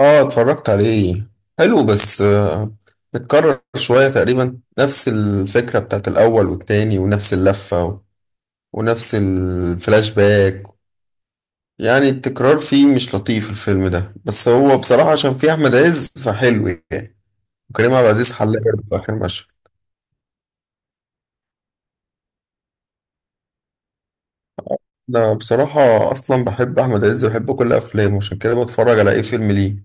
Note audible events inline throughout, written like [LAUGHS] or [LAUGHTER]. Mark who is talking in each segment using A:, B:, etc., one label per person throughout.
A: اه، اتفرجت عليه. حلو بس متكرر شوية تقريبا نفس الفكرة بتاعت الأول والتاني ونفس اللفة ونفس الفلاش باك. يعني التكرار فيه مش لطيف الفيلم ده، بس هو بصراحة عشان فيه أحمد عز فحلو يعني. وكريم عبد العزيز حل برضه في آخر مشهد. أنا بصراحة أصلا بحب أحمد عز وبحب كل أفلامه، عشان كده بتفرج على أي فيلم ليه.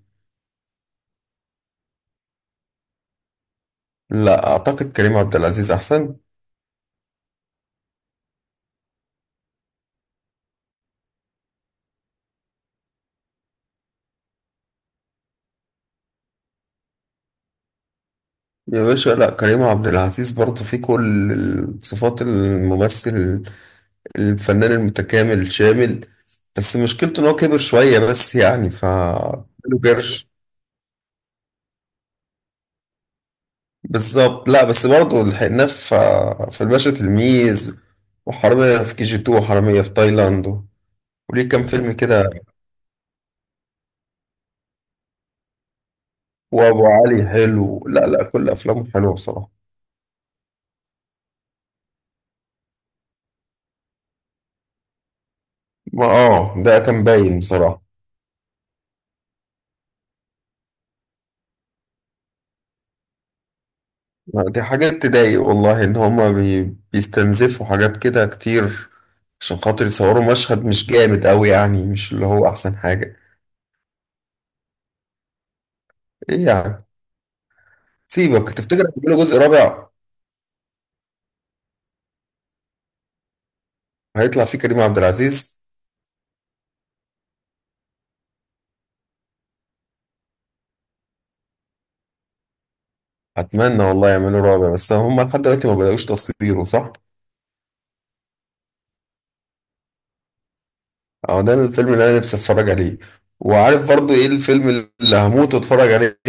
A: لا، أعتقد كريم عبد العزيز أحسن. يا باشا، لا كريم عبد العزيز برضه فيه كل صفات الممثل الفنان المتكامل الشامل، بس مشكلته ان هو كبر شوية بس يعني ف له قرش. بالظبط، لا بس برضه لحقناه في الباشا تلميذ، وحرامية في كي جي 2، وحرامية في تايلاند، وليه كام فيلم كده. وابو علي حلو، لا لا كل افلامه حلوه بصراحة. ما اه، ده كان باين بصراحة. دي حاجات تضايق والله، ان هما بيستنزفوا حاجات كده كتير عشان خاطر يصوروا مشهد مش جامد قوي يعني، مش اللي هو احسن حاجه. ايه يعني. سيبك، تفتكر هيعملوا جزء رابع هيطلع فيه كريم عبد العزيز؟ اتمنى والله يعملوا رابع، بس هم لحد دلوقتي ما بدأوش تصويره صح. اه، ده الفيلم اللي انا نفسي اتفرج عليه. وعارف برضو ايه الفيلم اللي هموت واتفرج عليه؟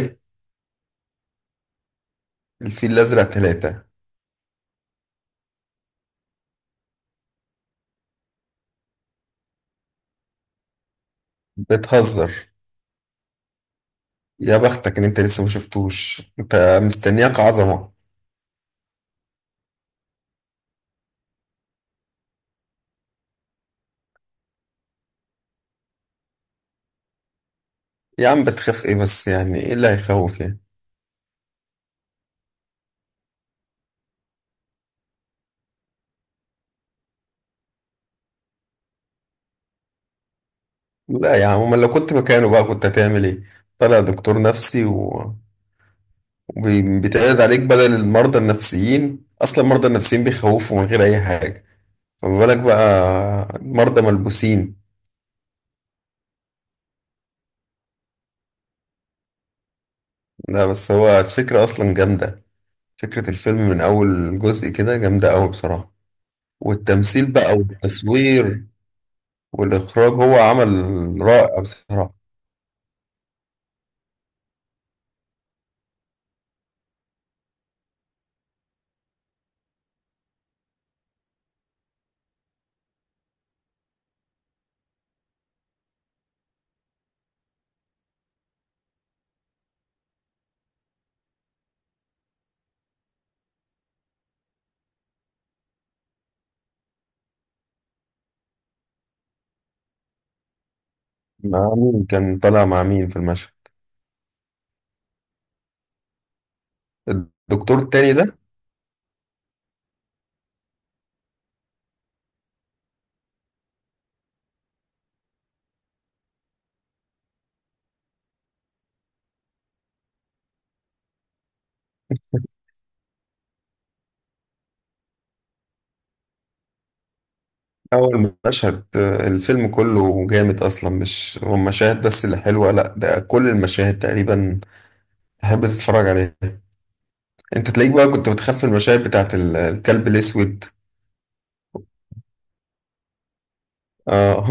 A: الفيل الازرق ثلاثة. بتهزر؟ يا بختك ان انت لسه ما شفتوش، انت مستنياك عظمه. يا عم بتخاف ايه بس، يعني ايه اللي هيخوف يعني. لا يا عم، امال لو كنت مكانه بقى كنت هتعمل ايه؟ طلع دكتور نفسي وبيتعرض عليك بدل المرضى النفسيين، اصلا المرضى النفسيين بيخوفوا من غير اي حاجه، فما بالك بقى مرضى ملبوسين. لا بس هو الفكره اصلا جامده، فكره الفيلم من اول جزء كده جامده قوي بصراحه. والتمثيل بقى والتصوير والاخراج، هو عمل رائع بصراحه. مع مين كان طالع، مع مين في المشهد؟ الدكتور التاني ده. أول مشهد الفيلم كله جامد أصلا، مش هو مشاهد بس اللي حلوة، لأ ده كل المشاهد تقريبا تحب تتفرج عليها. أنت تلاقيك بقى كنت بتخاف من المشاهد بتاعت الكلب الأسود. آه،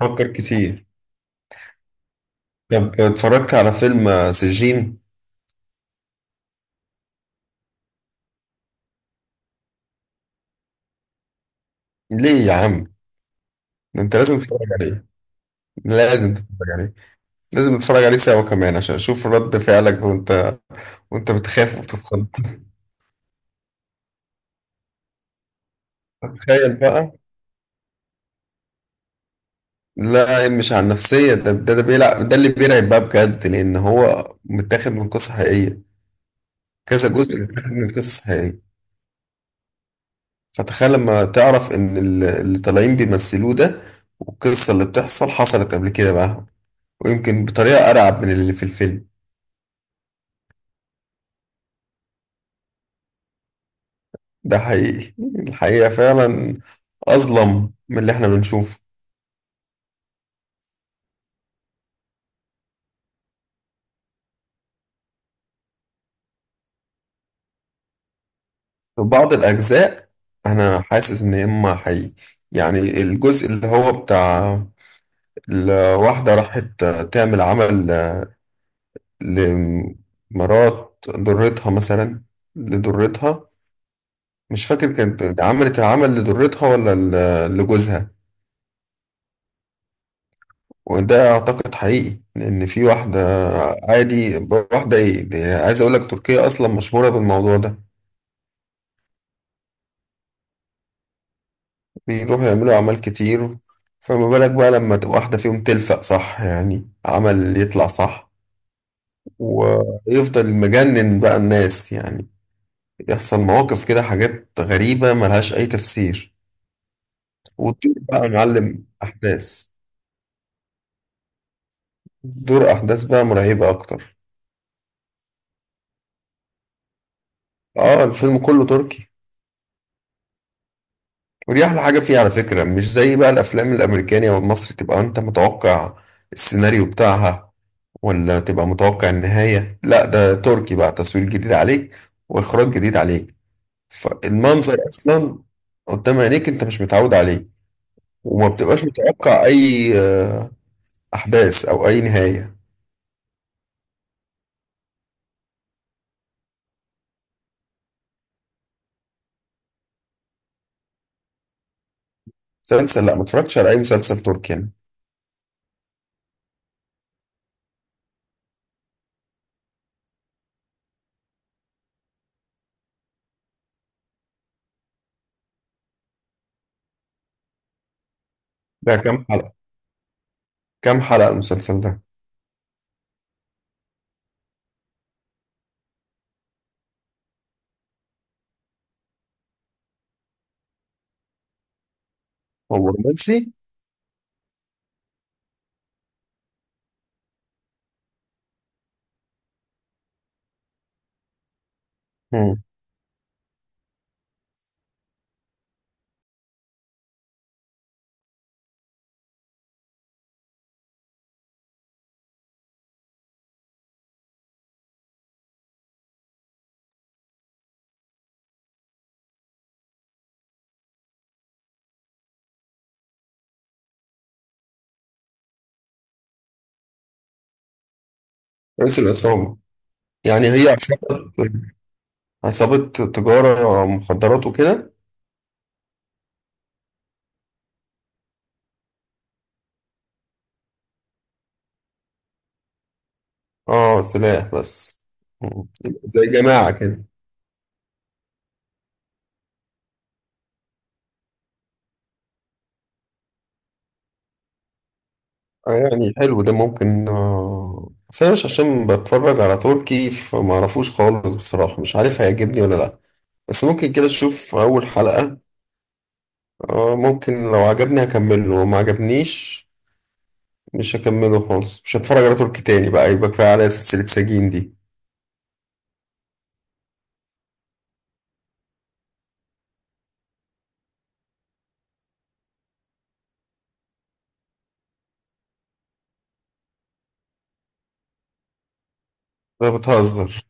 A: فكر كتير. طب اتفرجت على فيلم سجين؟ ليه يا عم، ده أنت لازم تتفرج عليه، لازم تتفرج عليه، لازم تتفرج عليه سوا كمان عشان أشوف رد فعلك وأنت وأنت بتخاف وبتتخض. [LAUGHS] تخيل بقى. لا، مش على النفسية، ده ده, ده بيلعب، ده اللي بيرعب بقى بجد لأن هو متاخد من قصة حقيقية. كذا جزء متاخد من قصص حقيقية، فتخيل لما تعرف إن اللي طالعين بيمثلوه ده والقصة اللي بتحصل حصلت قبل كده بقى، ويمكن بطريقة أرعب من اللي في الفيلم. ده حقيقي. الحقيقة فعلا أظلم من اللي إحنا بنشوفه. في بعض الأجزاء أنا حاسس إن إما حقيقي، يعني الجزء اللي هو بتاع الواحدة راحت تعمل عمل لمرات ضرتها مثلا، لضرتها. مش فاكر كانت عملت العمل لضرتها ولا لجوزها، وده اعتقد حقيقي لان في واحده. عادي. واحده ايه دي، عايز اقول لك تركيا اصلا مشهوره بالموضوع ده. بيروحوا يعملوا اعمال كتير، فما بالك بقى لما تبقى واحده فيهم تلفق صح يعني عمل يطلع صح، ويفضل مجنن بقى الناس يعني، يحصل مواقف كده، حاجات غريبه ملهاش اي تفسير. وتطير بقى يا معلم أحداث، دور أحداث بقى مرعبة أكتر. آه الفيلم كله تركي. ودي أحلى حاجة فيه على فكرة، مش زي بقى الأفلام الأمريكانية والمصري تبقى أنت متوقع السيناريو بتاعها، ولا تبقى متوقع النهاية. لا ده تركي بقى، تصوير جديد عليك وإخراج جديد عليك، فالمنظر أصلا قدام عينيك أنت مش متعود عليه، وما بتبقاش متوقع أي أحداث أو أي نهاية. مسلسل؟ لا، ما اتفرجتش على أي مسلسل تركي يعني. ده كام حلقة، كام حلقة المسلسل ده؟ هو رومانسي؟ مم. رئيس العصابة. يعني هي عصابة، عصابة تجارة مخدرات وكده؟ اه سلاح بس. مم. زي جماعة كده. يعني حلو ده ممكن آه. بس أنا مش عشان بتفرج على تركي فمعرفوش خالص بصراحة، مش عارف هيعجبني ولا لأ، بس ممكن كده أشوف أول حلقة. آه ممكن، لو عجبني هكمله وما عجبنيش مش هكمله خالص، مش هتفرج على تركي تاني بقى، يبقى كفاية على سلسلة سجين دي. ده بتهزر.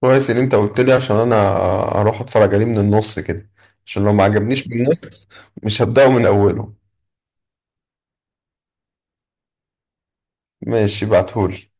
A: كويس ان انت قلت لي، عشان انا اروح اتفرج عليه من النص كده، عشان لو ما عجبنيش من النص مش هبدأه من اوله. ماشي بعتهولي.